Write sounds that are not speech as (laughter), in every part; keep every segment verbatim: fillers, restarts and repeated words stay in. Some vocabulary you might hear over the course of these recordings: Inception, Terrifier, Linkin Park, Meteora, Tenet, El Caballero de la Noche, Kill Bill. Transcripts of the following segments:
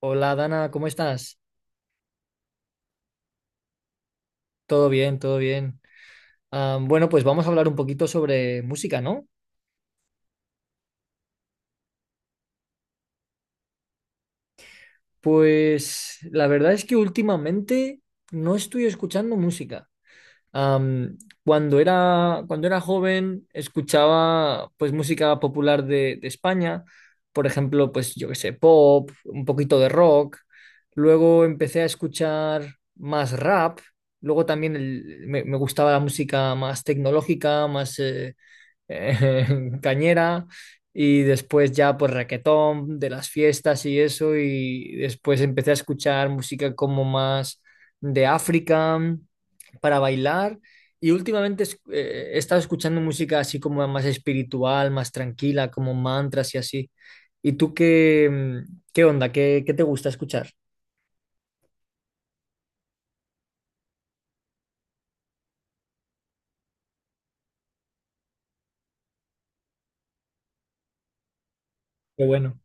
Hola, Dana, ¿cómo estás? Todo bien, todo bien. Am, bueno, pues vamos a hablar un poquito sobre música, ¿no? Pues la verdad es que últimamente no estoy escuchando música. Am, cuando era, cuando era joven escuchaba pues música popular de, de España, por ejemplo, pues yo qué sé, pop, un poquito de rock. Luego empecé a escuchar más rap. Luego también el- me, me gustaba la música más tecnológica, más... eh, eh, (laughs) cañera, y después ya pues raquetón de las fiestas y eso, y después empecé a escuchar música como más de África para bailar. Y últimamente es- eh, he estado escuchando música así como más espiritual, más tranquila, como mantras y así. ¿Y tú qué, mm, qué onda? ¿Qué, qué te gusta escuchar? Qué bueno.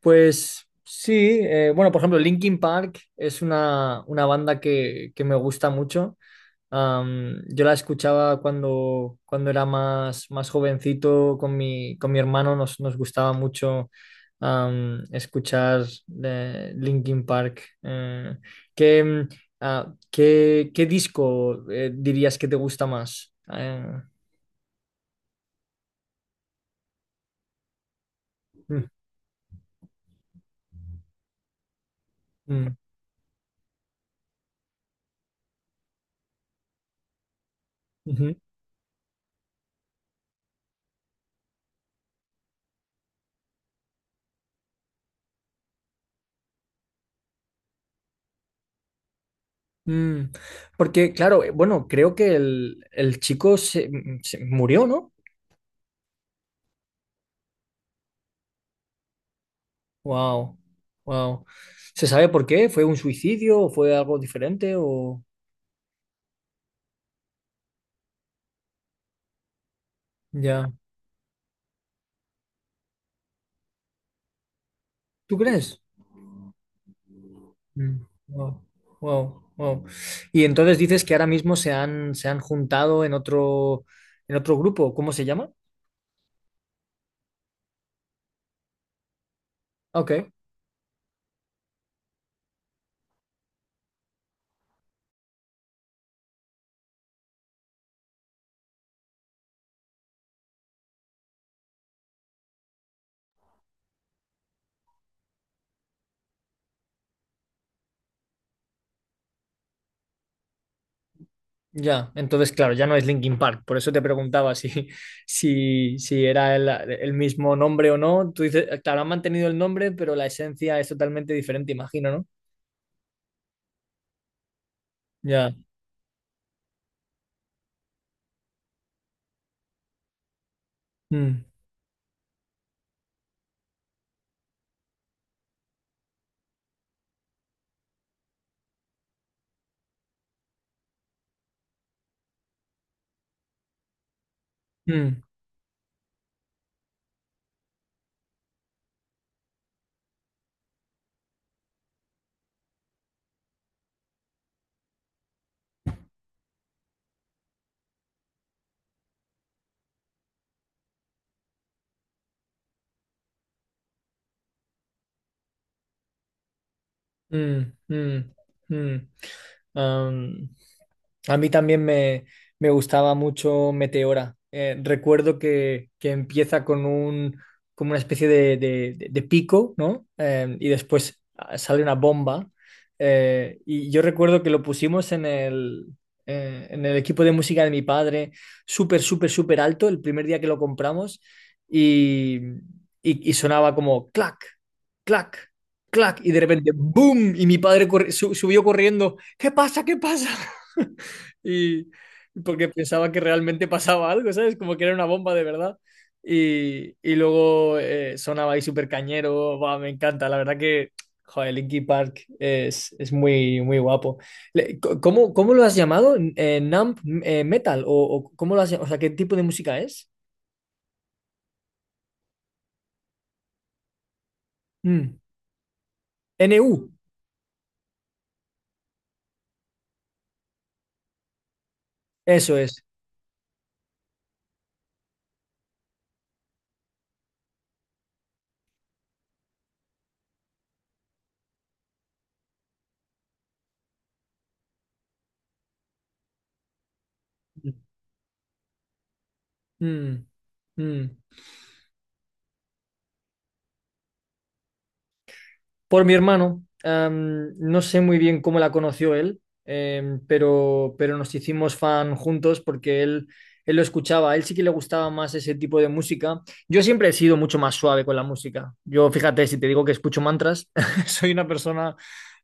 Pues sí, eh, bueno, por ejemplo, Linkin Park es una, una banda que, que me gusta mucho. Am, yo la escuchaba cuando, cuando era más, más jovencito con mi, con mi hermano. Nos, nos gustaba mucho am, escuchar eh, Linkin Park. Eh, ¿qué, mm, ah, qué, qué disco eh, dirías que te gusta más? Eh, mm, mm, Ujú. Mm. Porque claro, eh, bueno, creo que el, el chico se, mm, se murió, ¿no? Wow, wow. ¿Se sabe por qué? ¿Fue un suicidio o fue algo diferente o...? Ya. ¿Tú crees? Mm. Wow, wow, wow. Y entonces dices que ahora mismo se han, se han juntado en otro, en otro grupo. ¿Cómo se llama? Ok, ya. Entonces, claro, ya no es Linkin Park. Por eso te preguntaba si, (laughs) si, si era el, el mismo nombre o no. Tú dices, claro, han mantenido el nombre, pero la esencia es totalmente diferente, imagino, ¿no? Ya. Mm, mm. Mm, mm, mm. Am, a mí también me, me gustaba mucho Meteora. Eh, recuerdo que, que empieza con un, como una especie de, de- de- de pico, ¿no? Eh, y después ah, sale una bomba. Eh, y yo recuerdo que lo pusimos en el, eh, en el equipo de música de mi padre, súper, súper, súper alto, el primer día que lo compramos. Y, y, y sonaba como clac, clac, clac, y de repente, ¡boom! Y mi padre corri- su- subió corriendo. ¿Qué pasa? ¿Qué pasa? (laughs) Y porque pensaba que realmente pasaba algo, ¿sabes? Como que era una bomba de verdad. Y, y luego eh, sonaba ahí súper cañero. Buah, me encanta, la verdad que joder, Linkin Park es, es muy, muy guapo. Le- co- ¿Cómo, cómo lo has llamado? Eh, ¿Numb eh, Metal? ¿O, o cómo lo has llam- o sea, qué tipo de música es? Mm. N U eso es. Mm. Mm. Por mi hermano. am, no sé muy bien cómo la conoció él. em, pero, pero nos hicimos fan juntos porque él, él lo escuchaba. A él sí que le gustaba más ese tipo de música. Yo siempre he sido mucho más suave con la música. Yo, fíjate, si te digo que escucho mantras, (laughs) soy una persona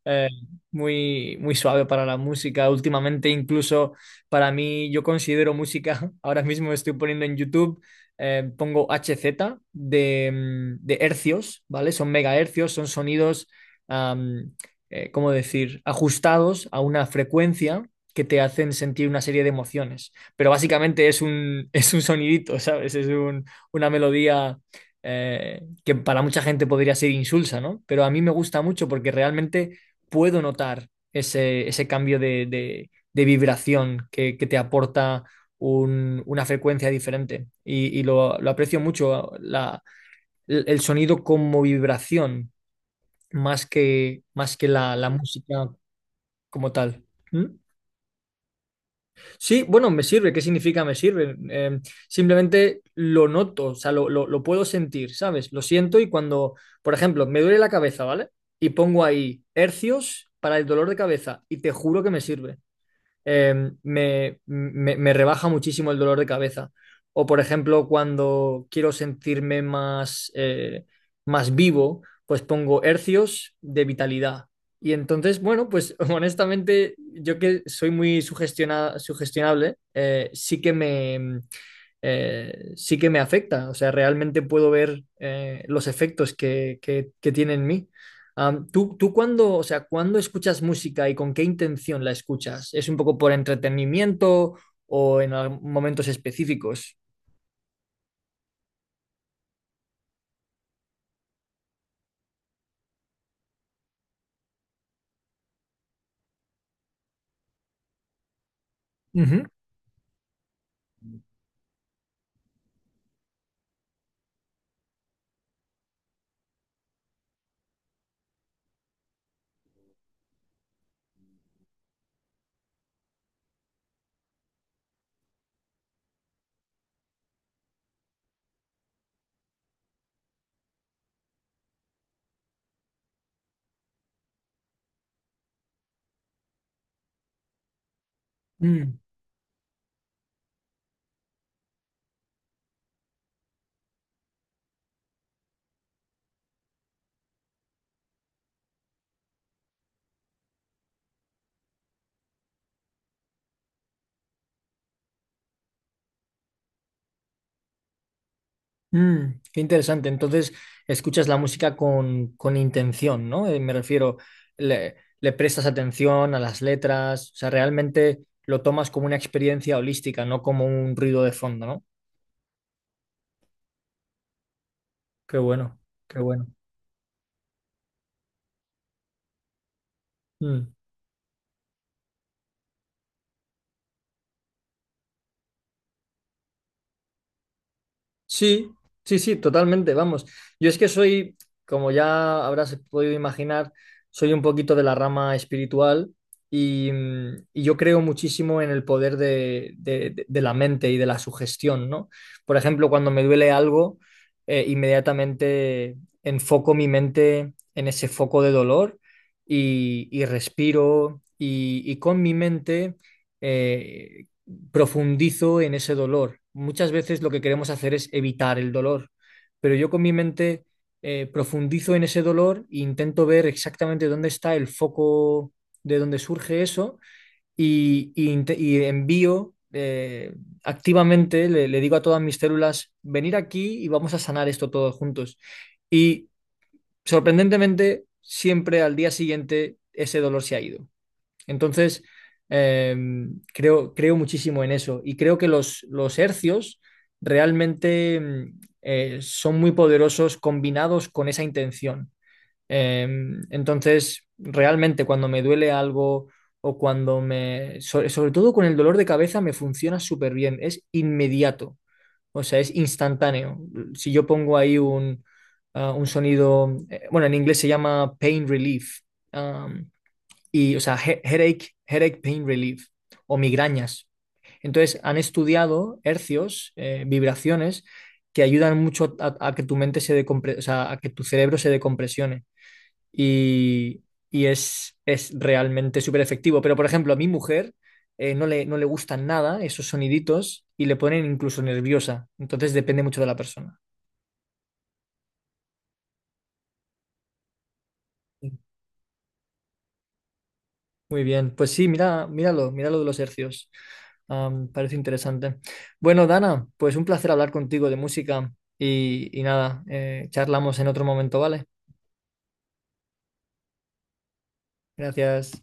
eh, muy, muy suave para la música. Últimamente, incluso para mí, yo considero música, (laughs) ahora mismo estoy poniendo en YouTube eh, pongo H Z de, mm, de hercios, ¿vale? Son megahercios, son sonidos, am, eh, ¿cómo decir?, ajustados a una frecuencia que te hacen sentir una serie de emociones. Pero básicamente es un, (laughs) es un sonidito, ¿sabes? Es un- una melodía eh, que para mucha gente podría ser insulsa, ¿no? Pero a mí me gusta mucho porque realmente puedo notar ese, ese cambio de, de- de vibración que, que te aporta un- una frecuencia diferente. Y y lo, lo aprecio mucho, la- el, el sonido como vibración, más que, más que la, la música como tal. ¿Mm? Sí, bueno, me sirve. ¿Qué significa me sirve? Eh, simplemente lo noto, o sea, lo, lo- lo puedo sentir, ¿sabes? Lo siento. Y cuando, por ejemplo, me duele la cabeza, ¿vale? Y pongo ahí hercios para el dolor de cabeza y te juro que me sirve. Eh, me, me- me rebaja muchísimo el dolor de cabeza. O, por ejemplo, cuando quiero sentirme más, eh, más vivo, pues pongo hercios de vitalidad. Y entonces, bueno, pues (laughs) honestamente, yo que soy muy sugestiona- sugestionable, eh, sí que me, eh, sí que me afecta. O sea, realmente puedo ver eh, los efectos que, que, que tiene en mí. Am, ¿tú, tú cuándo, o sea, cuándo escuchas música y con qué intención la escuchas? ¿Es un poco por entretenimiento o en al- momentos específicos? Ujú. Mm, mm, qué interesante. Entonces, escuchas la música con, con intención, ¿no? Eh, me refiero, le, le prestas atención a las letras, o sea, realmente lo tomas como una experiencia holística, no como un ruido de fondo, ¿no? Qué bueno, qué bueno. Mm. Sí, sí, sí, totalmente, vamos. Yo es que soy, como ya habrás podido imaginar, soy un poquito de la rama espiritual y, mm, y yo creo muchísimo en el poder de, de- de- de la mente y de la sugestión, ¿no? Por ejemplo, cuando me duele algo, eh, inmediatamente enfoco mi mente en ese foco de dolor, y, y respiro, y, y con mi mente... eh, profundizo en ese dolor. Muchas veces lo que queremos hacer es evitar el dolor, pero yo con mi mente eh, profundizo en ese dolor e intento ver exactamente dónde está el foco, de dónde surge eso. Y, y y envío eh, activamente, le, le digo a todas mis células, venir aquí y vamos a sanar esto todos juntos. Y, sorprendentemente, siempre al día siguiente ese dolor se ha ido. Entonces, eh, creo, creo muchísimo en eso, y creo que los, los hercios realmente mm, eh, son muy poderosos combinados con esa intención. Eh, entonces, realmente cuando me duele algo o cuando me... so- sobre todo con el dolor de cabeza me funciona súper bien, es inmediato, o sea, es instantáneo. Si yo pongo ahí un, ah, un sonido, eh, bueno, en inglés se llama pain relief y, o sea, he- headache, headache pain relief o migrañas. Entonces, han estudiado hercios, eh, vibraciones, que ayudan mucho a, a que tu mente se decompre, o sea, a que tu cerebro se decompresione. Y, y es, es realmente súper efectivo. Pero, por ejemplo, a mi mujer eh, no le, no le gustan nada esos soniditos y le ponen incluso nerviosa. Entonces, depende mucho de la persona. Muy bien, pues sí, mira, míralo, míralo de los hercios. Am, parece interesante. Bueno, Dana, pues un placer hablar contigo de música. Y, y nada, eh, charlamos en otro momento, ¿vale? Gracias.